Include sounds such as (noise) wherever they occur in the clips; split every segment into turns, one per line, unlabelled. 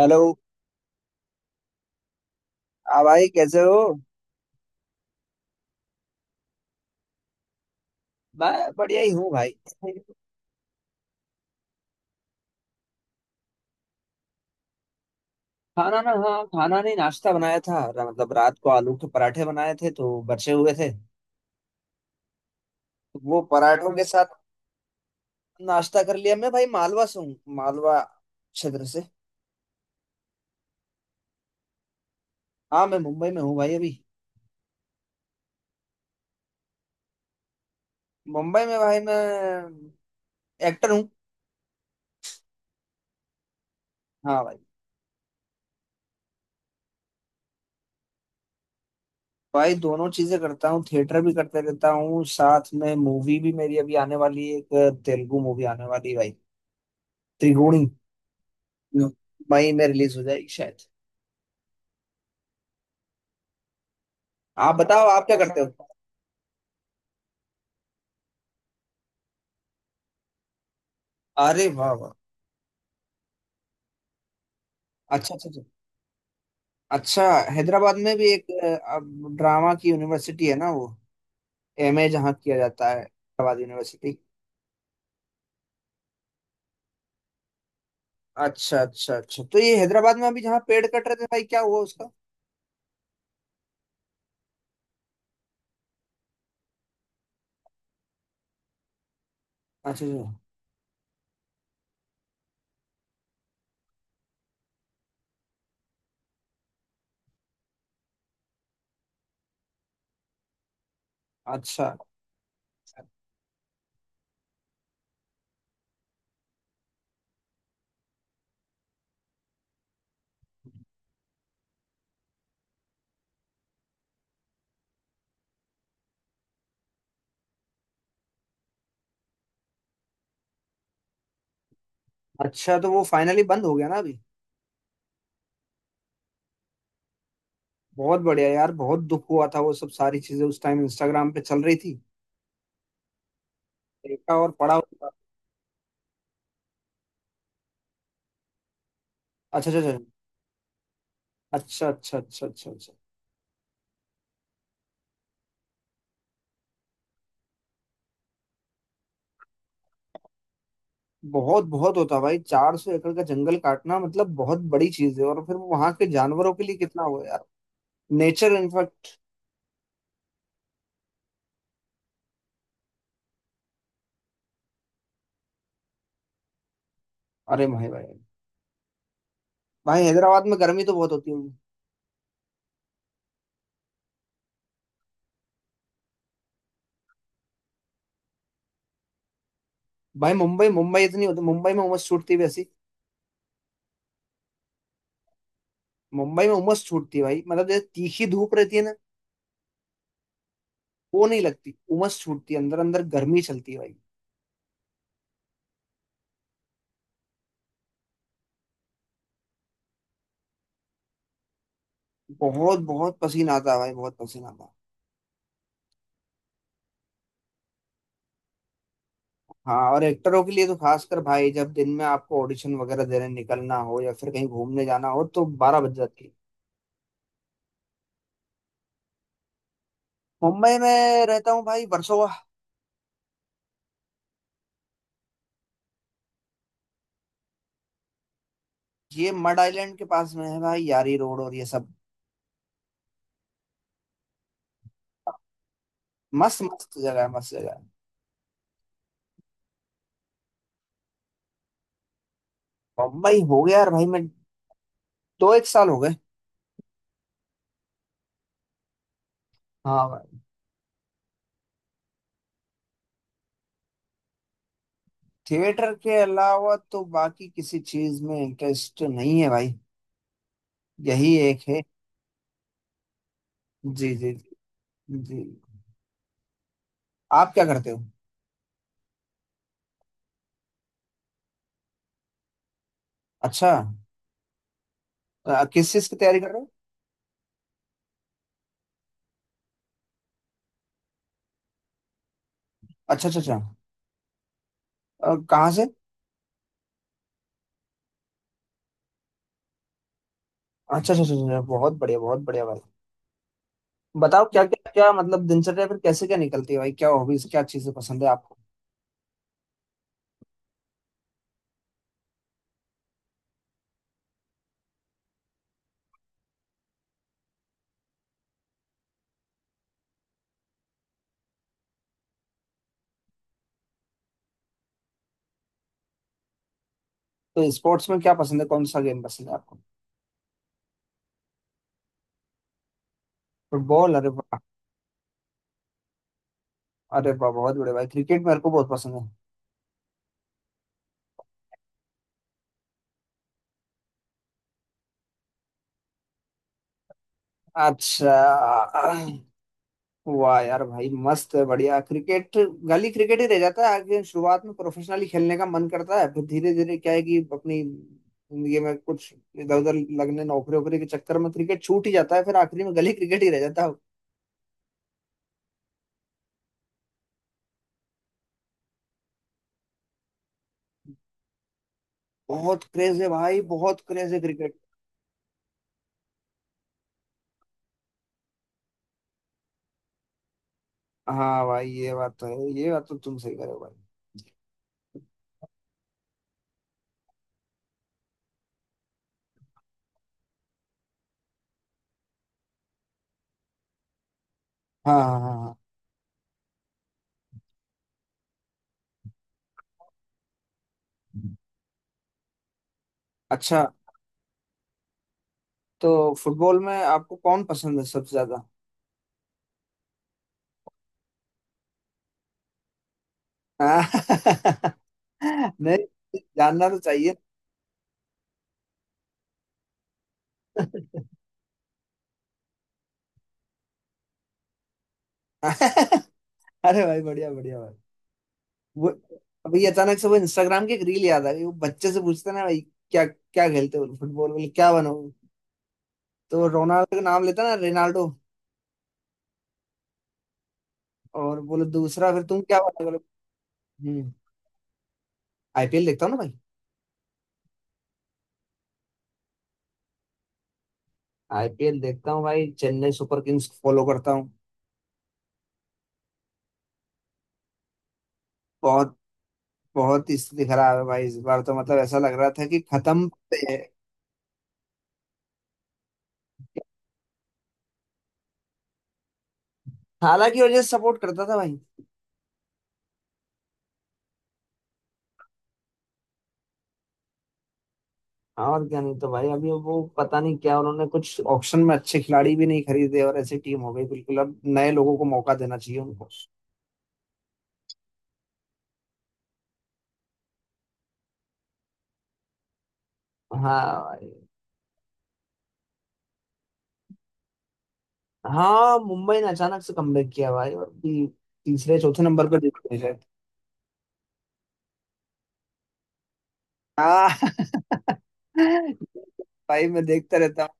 Hello. हाँ भाई, कैसे हो। मैं बढ़िया ही हूँ भाई। खाना ना, हाँ खाना नहीं, नाश्ता बनाया था, मतलब रात को आलू के पराठे बनाए थे तो बचे हुए थे, तो वो पराठों के साथ नाश्ता कर लिया। मैं भाई मालवा से हूँ, मालवा क्षेत्र से। हाँ, मैं मुंबई में हूँ भाई अभी। मुंबई में भाई मैं एक्टर हूँ। हाँ भाई। भाई दोनों चीजें करता हूँ, थिएटर भी करते रहता हूँ, साथ में मूवी भी। मेरी अभी आने वाली है, एक तेलुगु मूवी आने वाली है भाई, त्रिगुणी। मई में रिलीज हो जाएगी शायद। आप बताओ, आप क्या करते हो। अरे वाह, वाह। अच्छा अच्छा अच्छा, अच्छा, हैदराबाद में भी एक अब ड्रामा की यूनिवर्सिटी है ना वो, एमए जहाँ किया जाता है, हैदराबाद यूनिवर्सिटी। अच्छा अच्छा अच्छा, तो ये हैदराबाद में अभी जहाँ पेड़ कट रहे थे भाई, क्या हुआ उसका। अच्छा अच्छा अच्छा, अच्छा तो वो फाइनली बंद हो गया ना अभी। बहुत बढ़िया यार, बहुत दुख हुआ था, वो सब सारी चीजें उस टाइम इंस्टाग्राम पे चल रही थी। देखा और पढ़ा होगा। अच्छा अच्छा अच्छा, अच्छा अच्छा अच्छा, अच्छा। बहुत बहुत होता भाई, 400 एकड़ का जंगल काटना मतलब बहुत बड़ी चीज है, और फिर वो वहां के जानवरों के लिए कितना हुआ यार। Nature in fact. अरे भाई भाई। भाई हैदराबाद में गर्मी तो बहुत होती होगी। भाई मुंबई, मुंबई इतनी होती, मुंबई में उमस छूटती है वैसी। मुंबई में उमस छूटती है भाई, मतलब जैसे तीखी धूप रहती है ना, वो नहीं लगती, उमस छूटती है, अंदर अंदर गर्मी चलती है भाई। बहुत बहुत पसीना आता है भाई, बहुत पसीना आता है। हाँ, और एक्टरों के लिए तो खासकर भाई, जब दिन में आपको ऑडिशन वगैरह देने निकलना हो या फिर कहीं घूमने जाना हो, तो 12 बज जाती है। मुंबई में रहता हूँ भाई, वर्सोवा। ये मड आइलैंड के पास में है भाई, यारी रोड और ये सब। मस्त मस्त जगह है, मस्त जगह है। मुंबई हो गया यार भाई, मैं दो एक साल हो गए। हाँ भाई। थिएटर के अलावा तो बाकी किसी चीज में इंटरेस्ट नहीं है भाई, यही एक है। जी जी जी। जी। आप क्या करते हो। अच्छा, किस चीज की तैयारी कर रहे हो। अच्छा अच्छा अच्छा, कहाँ से। अच्छा अच्छा अच्छा अच्छा, बहुत बढ़िया, बहुत बढ़िया भाई। बताओ क्या क्या क्या मतलब दिनचर्या फिर कैसे क्या निकलती है भाई, क्या हॉबीज, क्या चीजें पसंद है आपको। तो स्पोर्ट्स में क्या पसंद है, कौन सा गेम पसंद है आपको। फुटबॉल, अरे वाह। अरे वाह, बहुत बड़े भाई, क्रिकेट मेरे को बहुत पसंद है। अच्छा। वाह यार भाई, मस्त है, बढ़िया क्रिकेट। गली क्रिकेट ही रह जाता है आगे, शुरुआत में प्रोफेशनली खेलने का मन करता है, फिर धीरे धीरे क्या है कि अपनी जिंदगी में कुछ इधर उधर लगने, नौकरी वोकरी के चक्कर में क्रिकेट छूट ही जाता है, फिर आखिरी में गली क्रिकेट ही रह जाता है। बहुत क्रेज है भाई, बहुत क्रेज है क्रिकेट। हाँ भाई, ये बात तो है, ये बात तो तुम सही कह रहे हो भाई। हाँ हाँ हाँ हाँ। अच्छा, तो फुटबॉल में आपको कौन पसंद है सबसे ज्यादा। हाँ, (laughs) नहीं, जानना तो चाहिए। (laughs) अरे भाई, बढ़िया बढ़िया भाई। वो अभी अचानक से वो इंस्टाग्राम की एक रील याद आ गई, वो बच्चे से पूछते ना भाई, क्या क्या खेलते हो, फुटबॉल, बोले क्या बनोगे, तो रोनाल्डो का नाम लेता ना, रेनाल्डो। और बोले दूसरा फिर तुम क्या बनोगे बोले, हम्म। आईपीएल देखता हूँ ना भाई। आईपीएल देखता हूँ भाई, चेन्नई सुपर किंग्स फॉलो करता हूँ। बहुत बहुत ही स्थिति खराब है भाई इस बार तो, मतलब ऐसा लग रहा था कि खत्म पे है। हालांकि वजह सपोर्ट करता था भाई। हाँ, और क्या, नहीं तो भाई अभी वो पता नहीं क्या, उन्होंने कुछ ऑक्शन में अच्छे खिलाड़ी भी नहीं खरीदे, और ऐसी टीम हो गई बिल्कुल, अब नए लोगों को मौका देना चाहिए उनको। हाँ भाई। हाँ, मुंबई ने अचानक से कमबैक किया भाई, और भी तीसरे चौथे नंबर पर जीत गई शायद। हाँ। (laughs) भाई मैं देखता रहता हूँ।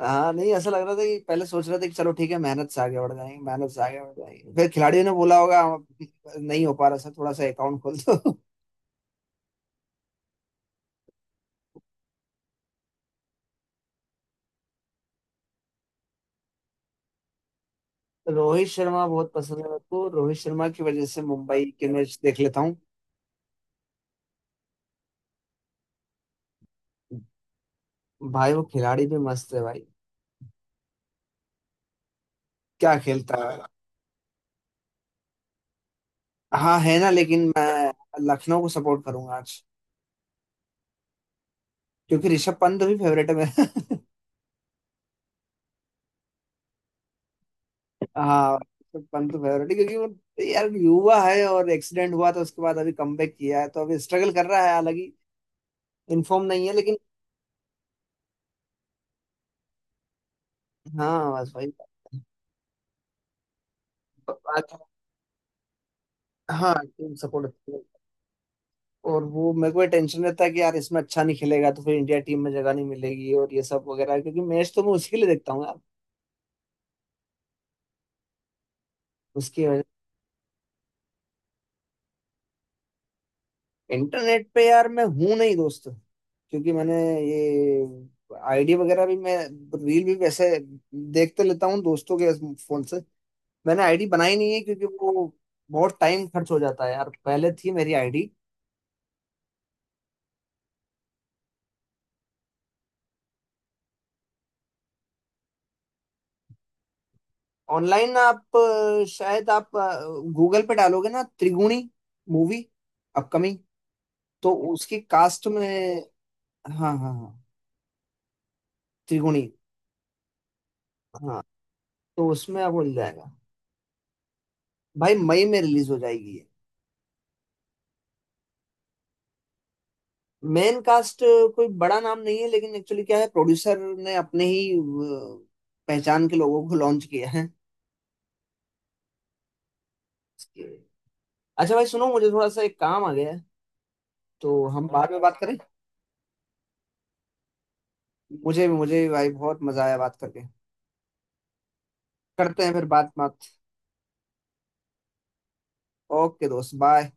हाँ, नहीं ऐसा लग रहा था कि पहले सोच रहे थे कि चलो ठीक है, मेहनत से आगे बढ़ जाएंगे, मेहनत से आगे बढ़ जाएंगे, फिर खिलाड़ियों ने बोला होगा, नहीं हो पा रहा सर, थोड़ा सा अकाउंट खोल दो"। तो रोहित शर्मा बहुत पसंद है मेरे को, रोहित शर्मा की वजह से मुंबई के मैच देख लेता हूँ। भाई वो खिलाड़ी भी मस्त है भाई, क्या खेलता है। हाँ है ना, लेकिन मैं लखनऊ को सपोर्ट करूंगा आज। क्योंकि ऋषभ पंत भी फेवरेट है मेरा। (laughs) हाँ, ऋषभ पंत फेवरेट है क्योंकि वो यार युवा है, और एक्सीडेंट हुआ तो उसके बाद अभी कमबैक किया है, तो अभी स्ट्रगल कर रहा है, हालांकि इन्फॉर्म नहीं है लेकिन। हाँ बस भाई। बाकी- हाँ, टीम सपोर्ट। और वो मेरे को टेंशन रहता है कि यार इसमें अच्छा नहीं खेलेगा तो फिर इंडिया टीम में जगह नहीं मिलेगी और ये सब वगैरह, क्योंकि मैच तो मैं उसके लिए देखता हूँ यार, उसकी वजह। इंटरनेट पे यार मैं हूँ नहीं दोस्त, क्योंकि मैंने ये आईडी वगैरह भी, मैं रील भी वैसे देखते लेता हूँ दोस्तों के फोन से, मैंने आईडी बनाई नहीं है क्योंकि वो बहुत टाइम खर्च हो जाता है यार, पहले थी मेरी आईडी। ऑनलाइन आप शायद आप गूगल पे डालोगे ना, त्रिगुणी मूवी अपकमिंग, तो उसकी कास्ट में। हाँ हाँ हाँ, त्रिगुणी। हाँ, तो उसमें अब मिल जाएगा। भाई मई में रिलीज हो जाएगी ये। मेन कास्ट कोई बड़ा नाम नहीं है, लेकिन एक्चुअली क्या है, प्रोड्यूसर ने अपने ही पहचान के लोगों को लॉन्च किया है। अच्छा भाई सुनो, मुझे थोड़ा सा एक काम आ गया है, तो हम बाद में बात करें। मुझे मुझे भी भाई बहुत मजा आया बात करके। करते हैं फिर बात बात। ओके दोस्त, बाय।